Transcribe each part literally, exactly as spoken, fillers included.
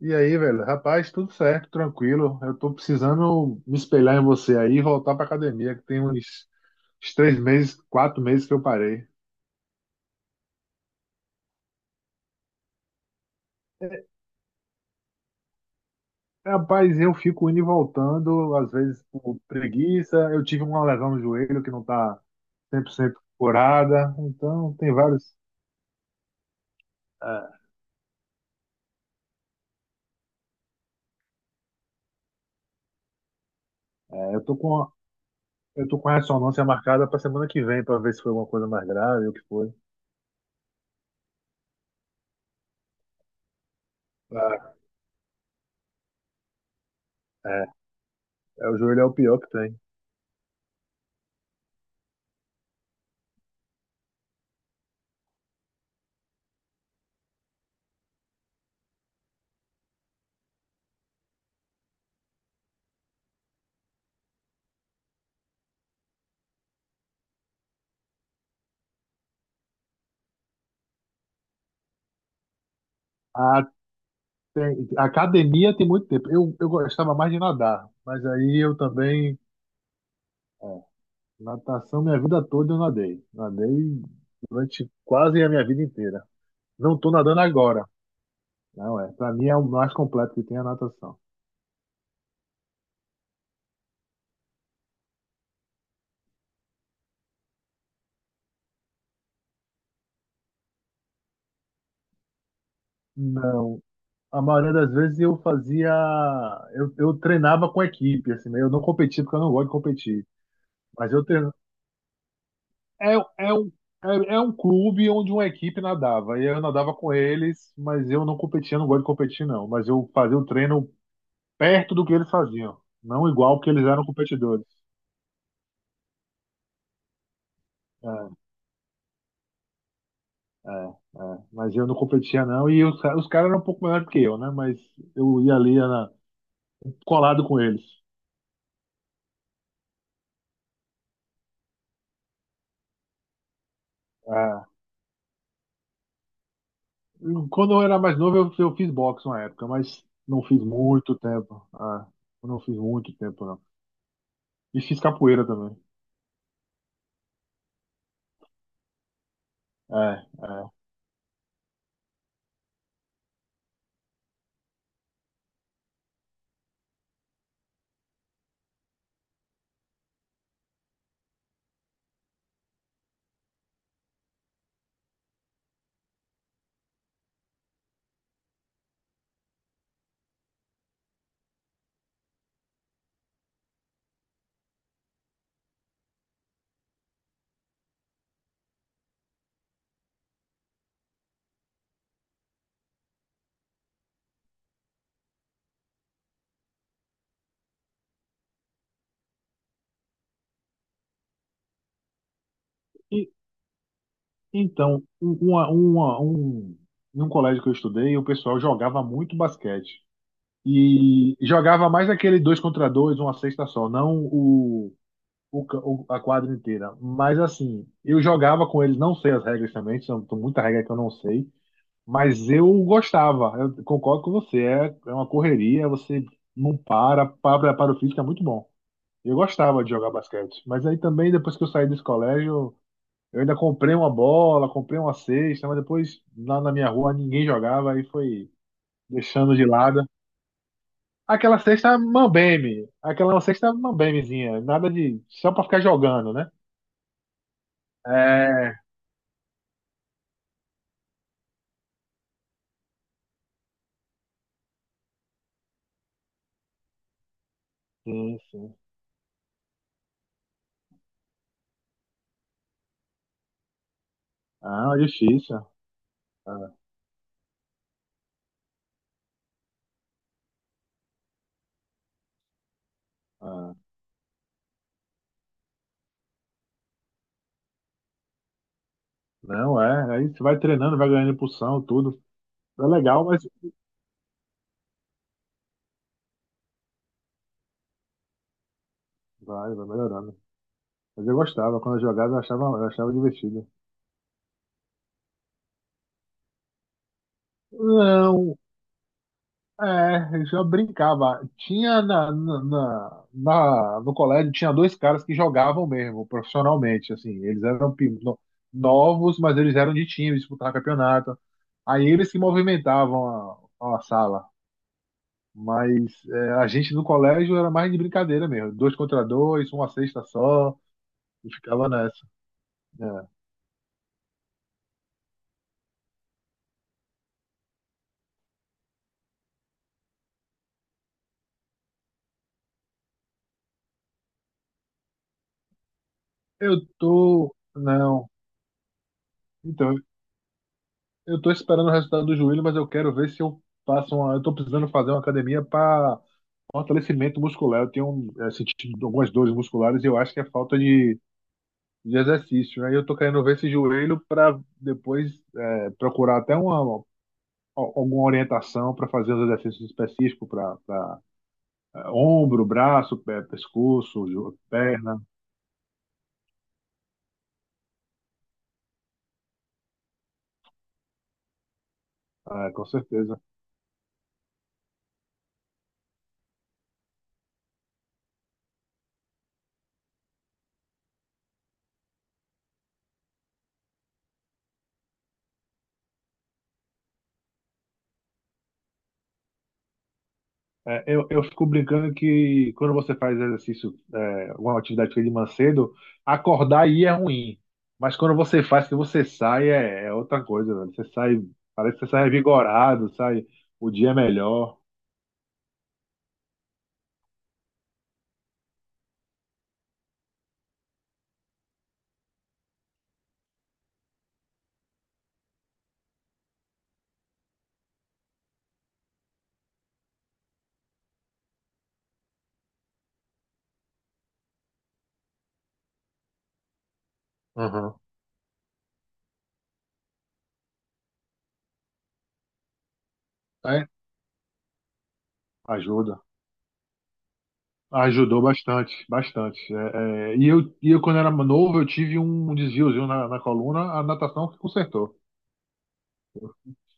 E aí, velho? Rapaz, tudo certo, tranquilo. Eu tô precisando me espelhar em você aí e voltar pra academia, que tem uns, uns três meses, quatro meses que eu parei. Rapaz, eu fico indo e voltando, às vezes por preguiça. Eu tive uma lesão no joelho que não tá cem por cento curada. Então, tem vários. é, eu tô com, eu tô com a ressonância marcada pra semana que vem, pra ver se foi alguma coisa mais grave ou o que foi. Ah, é, é, o joelho é o pior que tem. Ah. Tem- academia tem muito tempo. Eu, eu gostava mais de nadar, mas aí eu também. é, Natação, minha vida toda eu nadei. Nadei durante quase a minha vida inteira. Não tô nadando agora. Não é. Para mim é o mais completo que tem a natação. Não. A maioria das vezes eu fazia. Eu, eu treinava com equipe, assim, né? Eu não competia porque eu não gosto de competir. Mas eu É, é um, é, é um clube onde uma equipe nadava. E eu nadava com eles, mas eu não competia, não gosto de competir, não. Mas eu fazia o treino perto do que eles faziam. Não igual que eles eram competidores. É, é, é. Mas eu não competia, não. E os, ca- os caras eram um pouco melhor que eu, né? Mas eu ia ali era colado com eles. É. Quando eu era mais novo, eu, eu fiz boxe uma época, mas não fiz muito tempo. É. Eu não fiz muito tempo, não. E fiz capoeira também. É, é. Então, um- uma, uma, um, Em um colégio que eu estudei, o pessoal jogava muito basquete. E jogava mais aquele dois contra dois, uma cesta só, não o, o, ca- o- a quadra inteira. Mas assim, eu jogava com eles, não sei as regras também, são tem muita regra que eu não sei, mas eu gostava. Eu concordo com você, é, é uma correria, você não para, para, para o físico é muito bom. Eu gostava de jogar basquete, mas aí também depois que eu saí desse colégio. Eu ainda comprei uma bola, comprei uma cesta, mas depois lá na minha rua ninguém jogava, aí foi deixando de lado. Aquela cesta mambembe, aquela cesta mambembezinha, nada, de só pra ficar jogando, né? É, sim, sim. Ah, é difícil. Ah, ah. Não, é. Aí você vai treinando, vai ganhando impulsão, tudo. É legal, mas vai, vai melhorando. Mas eu gostava, quando eu jogava, eu achava, eu achava divertido. Não, é, eu já brincava. Tinha na, na, na- na- no colégio tinha dois caras que jogavam mesmo, profissionalmente, assim. Eles eram pi- no- Novos, mas eles eram de time, disputavam campeonato. Aí eles que movimentavam a, a sala. Mas é, a gente no colégio era mais de brincadeira mesmo. Dois contra dois, uma cesta só, e ficava nessa. É. Eu tô. Não. Então, eu tô esperando o resultado do joelho, mas eu quero ver se eu faço uma. Eu tô precisando fazer uma academia para fortalecimento muscular. Eu tenho é, sentido algumas dores musculares e eu acho que é falta de, de exercício, né? E eu tô querendo ver esse joelho para depois é, procurar até uma, al- alguma orientação para fazer os exercícios específicos para ombro, braço, pé, pescoço, jo- perna, é, com certeza. É, eu, eu fico brincando que quando você faz exercício, é, alguma atividade física de manhã cedo, acordar aí é ruim. Mas quando você faz, que você sai, é, é outra coisa, velho. Você sai, parece que você sai revigorado, sai, o dia é melhor. Uhum. É, ajuda. Ajudou bastante, bastante. É, é, e, eu, e eu, quando era novo, eu tive um desviozinho na, na coluna, a natação que consertou.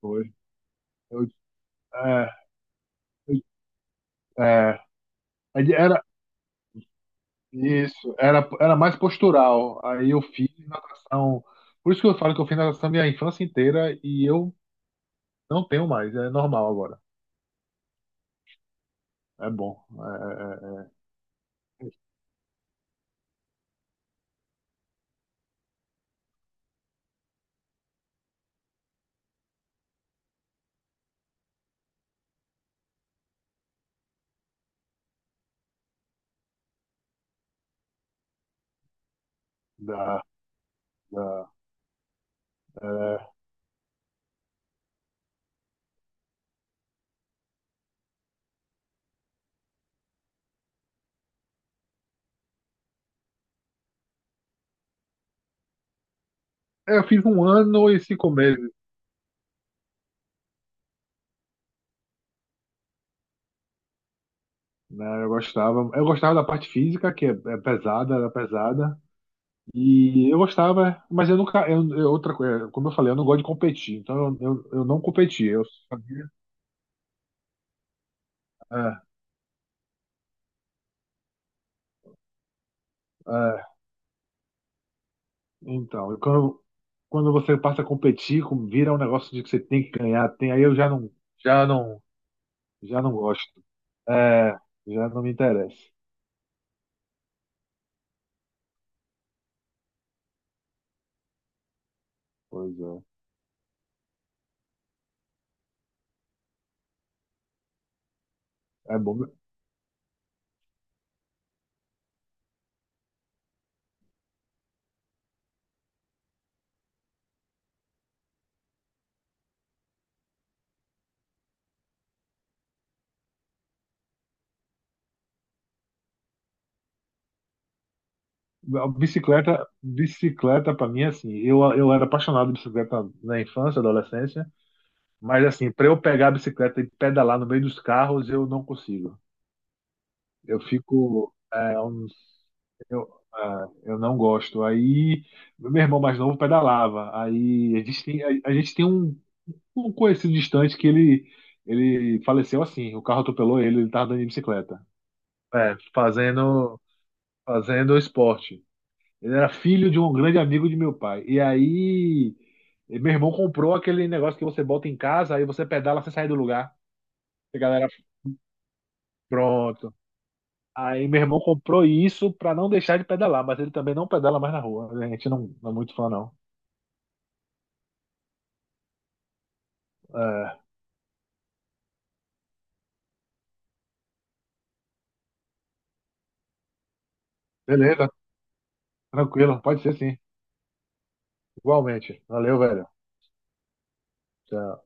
Foi. Eu, é, eu- é, Isso, era, era mais postural. Aí eu fiz natação. Por isso que eu falo que eu fiz natação minha infância inteira e eu não tenho mais. É normal agora. É bom. É, é, é, dá- dá- é. Eu fiz um ano e cinco meses, né? Eu gostava. Eu gostava da parte física, que é, é pesada, era pesada. E eu gostava, mas eu nunca. Eu, eu- outra coisa, como eu falei, eu não gosto de competir. Então eu, eu, eu não competi. Eu sabia. É, é. Então, e quando, quando você passa a competir, com- vira um negócio de que você tem que ganhar, tem, aí eu já não, já não, já não gosto. É, já não me interessa. Pois é. É bom. A bicicleta, bicicleta para mim, é assim, eu, eu era apaixonado de bicicleta na infância, adolescência, mas assim, para eu pegar a bicicleta e pedalar no meio dos carros, eu não consigo. Eu fico, é, eu, não sei, eu é, eu não gosto. Aí, meu irmão mais novo pedalava. Aí a gente tem, a, a gente tem um um conhecido distante que ele, ele faleceu assim. O carro atropelou ele, ele estava andando de bicicleta. É, fazendo, fazendo esporte. Ele era filho de um grande amigo de meu pai. E aí, e meu irmão comprou aquele negócio que você bota em casa, aí você pedala sem sair do lugar. E a galera, pronto. Aí meu irmão comprou isso pra não deixar de pedalar, mas ele também não pedala mais na rua. A gente não, não é muito fã, não. É, beleza, tranquilo, pode ser sim. Igualmente. Valeu, velho. Tchau.